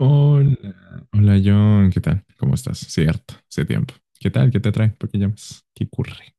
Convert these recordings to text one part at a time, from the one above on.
Hola, hola John, ¿qué tal? ¿Cómo estás? Cierto, hace tiempo. ¿Qué tal? ¿Qué te trae? ¿Por qué llamas? ¿Qué ocurre?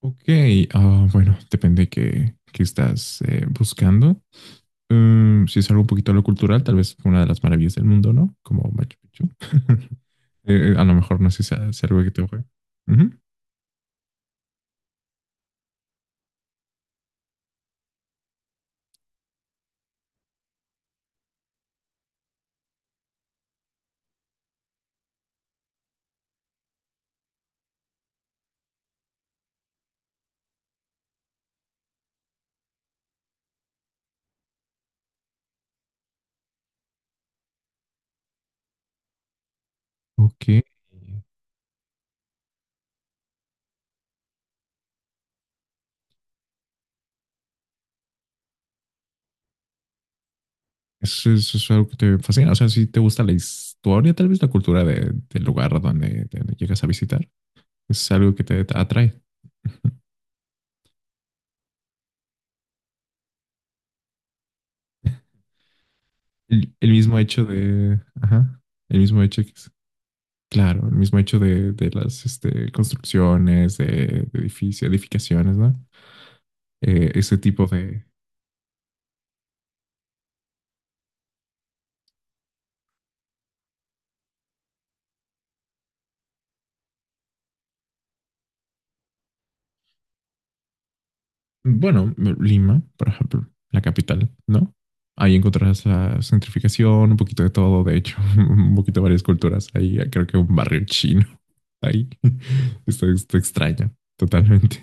Ok, bueno, depende qué estás buscando. Si es algo un poquito a lo cultural, tal vez una de las maravillas del mundo, ¿no? Como Machu Picchu. A lo mejor no sé si sea algo que te ocurre. Ujú. Ok, eso es algo que te fascina. O sea, si te gusta la historia, tal vez la cultura del lugar donde llegas a visitar, es algo que te atrae. El mismo hecho de, ajá, el mismo hecho claro, el mismo hecho de las construcciones, de edificios, edificaciones, ¿no? Eh, ese tipo de, bueno, Lima, por ejemplo, la capital, ¿no? Ahí encontrarás la gentrificación, un poquito de todo, de hecho, un poquito de varias culturas. Ahí creo que un barrio chino, ahí está, está extraño, totalmente.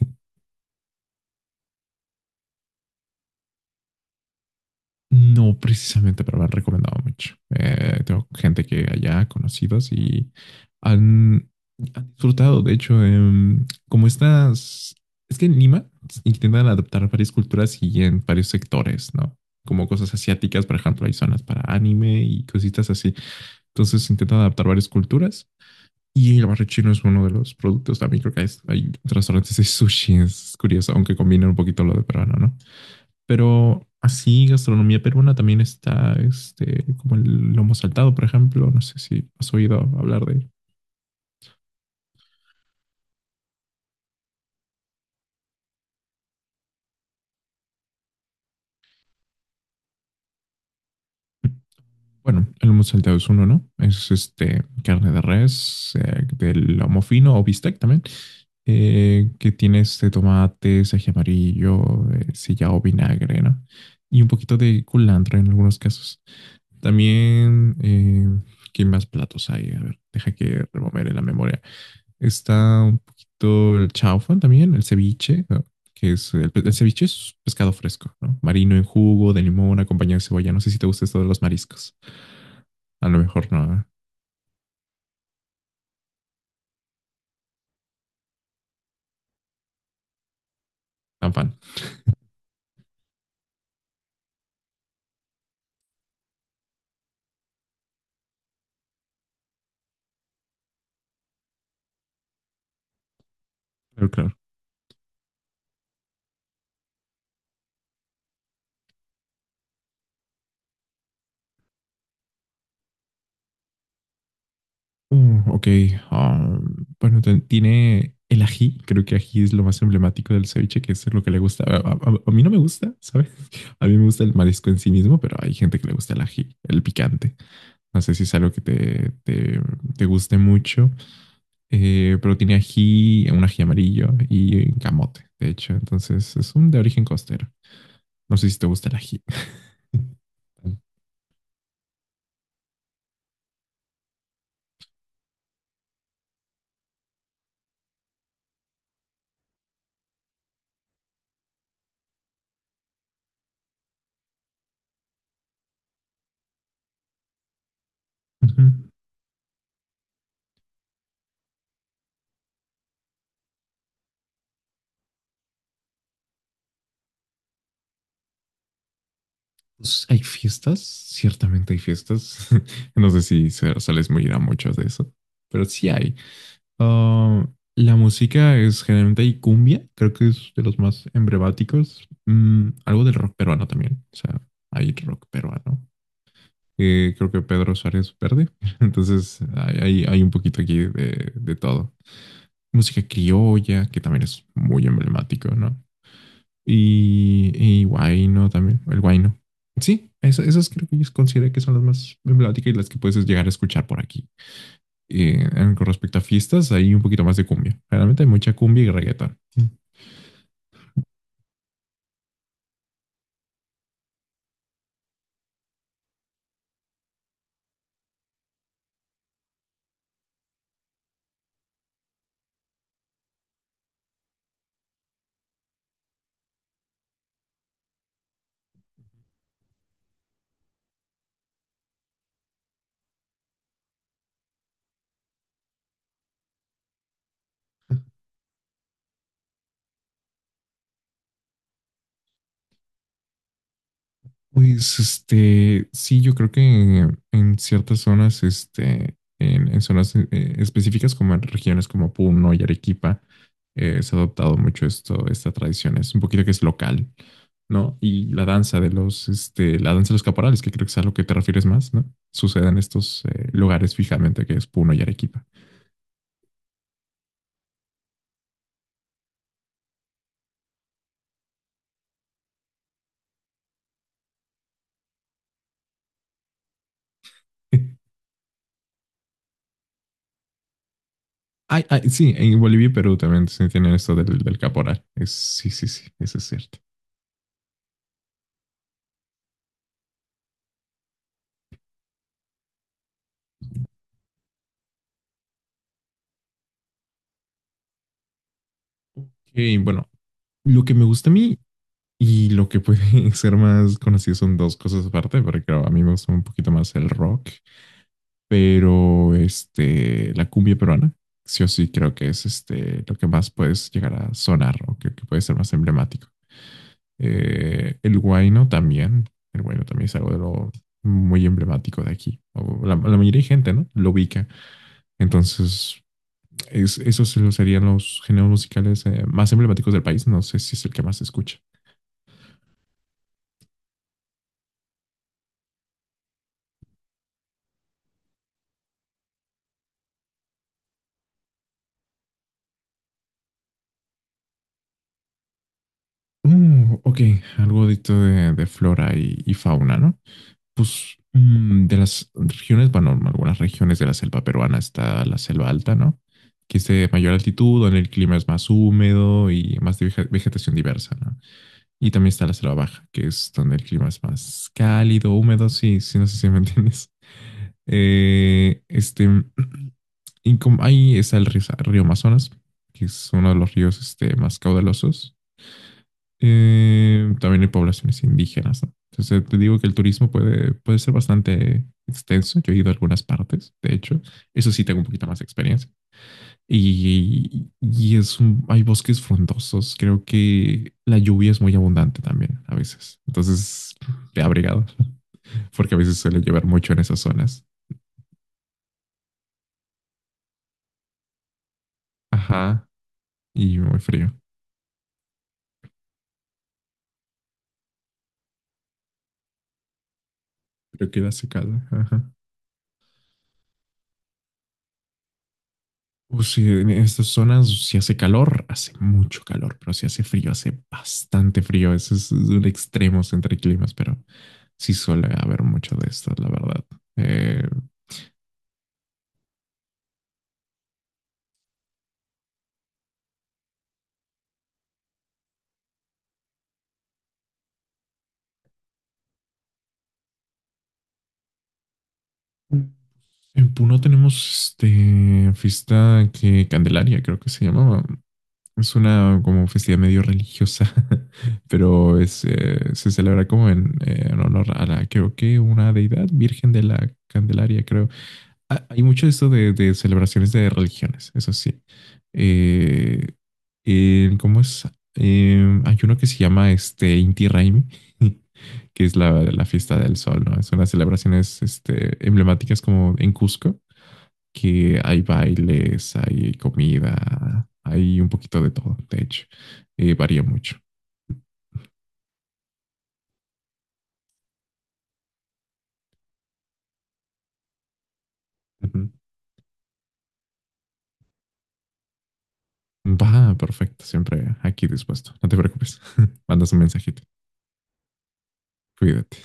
No precisamente, pero me han recomendado mucho. Tengo gente que allá, conocidos, y han, han disfrutado. De hecho, como estas, es que en Lima intentan adaptar varias culturas y en varios sectores, ¿no? Como cosas asiáticas, por ejemplo, hay zonas para anime y cositas así. Entonces intentan adaptar varias culturas. Y el barrio chino es uno de los productos. También creo que hay restaurantes de sushi. Es curioso, aunque combina un poquito lo de peruano, ¿no? Pero así, gastronomía peruana también está, este, como el lomo saltado, por ejemplo. No sé si has oído hablar de él. Bueno, el lomo saltado es uno, ¿no? Es este, carne de res, del lomo fino o bistec también, que tiene este tomate, ají amarillo, sillao, vinagre, ¿no? Y un poquito de culantro en algunos casos. También, ¿qué más platos hay? A ver, deja que rememore la memoria. Está un poquito el chaufa también, el ceviche, ¿no? Que es el ceviche es pescado fresco, ¿no? Marino en jugo, de limón, acompañado de cebolla. No sé si te gusta esto de los mariscos. A lo mejor no, ¿eh? Tan fan. Pero claro. Mm, ok. ah, bueno, tiene el ají. Creo que ají es lo más emblemático del ceviche, que es lo que le gusta. A mí no me gusta, ¿sabes? A mí me gusta el marisco en sí mismo, pero hay gente que le gusta el ají, el picante. No sé si es algo que te guste mucho. Pero tiene ají, un ají amarillo y camote, de hecho. Entonces es un de origen costero. No sé si te gusta el ají. Ujú. Pues, hay fiestas, ciertamente hay fiestas. No sé si sales muy ir a muchas de eso, pero sí hay. Ah, la música es generalmente hay cumbia, creo que es de los más emblemáticos. Algo del rock peruano también. O sea, hay rock peruano. Creo que Pedro Suárez Verde. Entonces hay un poquito aquí de todo. Música criolla, que también es muy emblemático, ¿no? Y guayno también, el guayno. Sí, esas creo que yo considero que son las más emblemáticas y las que puedes llegar a escuchar por aquí. Con respecto a fiestas, hay un poquito más de cumbia. Realmente hay mucha cumbia y reggaetón. Pues, este, sí, yo creo que en ciertas zonas, este, en zonas específicas como en regiones como Puno y Arequipa, se ha adoptado mucho esta tradición. Es un poquito que es local, ¿no? Y la danza de los, este, la danza de los caporales, que creo que es a lo que te refieres más, ¿no? Sucede en estos lugares fijamente que es Puno y Arequipa. Ay, ay, sí, en Bolivia y Perú también se tienen esto del caporal. Es, sí, sí, sí, eso es cierto. Ok, bueno, lo que me gusta a mí y lo que puede ser más conocido son dos cosas aparte, porque claro, a mí me gusta un poquito más el rock, pero este, la cumbia peruana, sí o sí creo que es este, lo que más puedes llegar a sonar o que puede ser más emblemático. El huayno también es algo de lo muy emblemático de aquí, o la mayoría de gente, ¿no? Lo ubica. Entonces, esos serían los géneros musicales más emblemáticos del país, no sé si es el que más se escucha. Ok, algo de, esto de flora y fauna, ¿no? Pues de las regiones, bueno, algunas regiones de la selva peruana está la selva alta, ¿no? Que es de mayor altitud, donde el clima es más húmedo y más de vegetación diversa, ¿no? Y también está la selva baja, que es donde el clima es más cálido, húmedo, sí, sí, no sé si me entiendes. Eh, este, y como ahí está el río Amazonas, que es uno de los ríos este, más caudalosos, también hay poblaciones indígenas, ¿no? Entonces te digo que el turismo puede ser bastante extenso. Yo he ido a algunas partes, de hecho. Eso sí tengo un poquito más de experiencia. Y es hay bosques frondosos. Creo que la lluvia es muy abundante también a veces. Entonces, te abrigado, porque a veces suele llover mucho en esas zonas. Ajá, y muy frío. Pero queda secado. Sí, en estas zonas si hace calor, hace mucho calor, pero si hace frío, hace bastante frío. Eso es un extremo entre climas, pero sí suele haber mucho de estas, la verdad. Eh, en Puno tenemos este fiesta que Candelaria, creo que se llamaba. Es una como festividad medio religiosa, pero es, se celebra como en honor a la, creo que una deidad, Virgen de la Candelaria, creo. Hay mucho esto de celebraciones de religiones, eso sí. Eh, ¿Cómo es? Hay uno que se llama este Inti Raymi, que es la fiesta del sol, ¿no? Son las celebraciones este, emblemáticas como en Cusco, que hay bailes, hay comida, hay un poquito de todo, de hecho. Varía mucho. Ujú. Va, perfecto. Siempre aquí dispuesto. No te preocupes. Mandas un mensajito. Cuídate.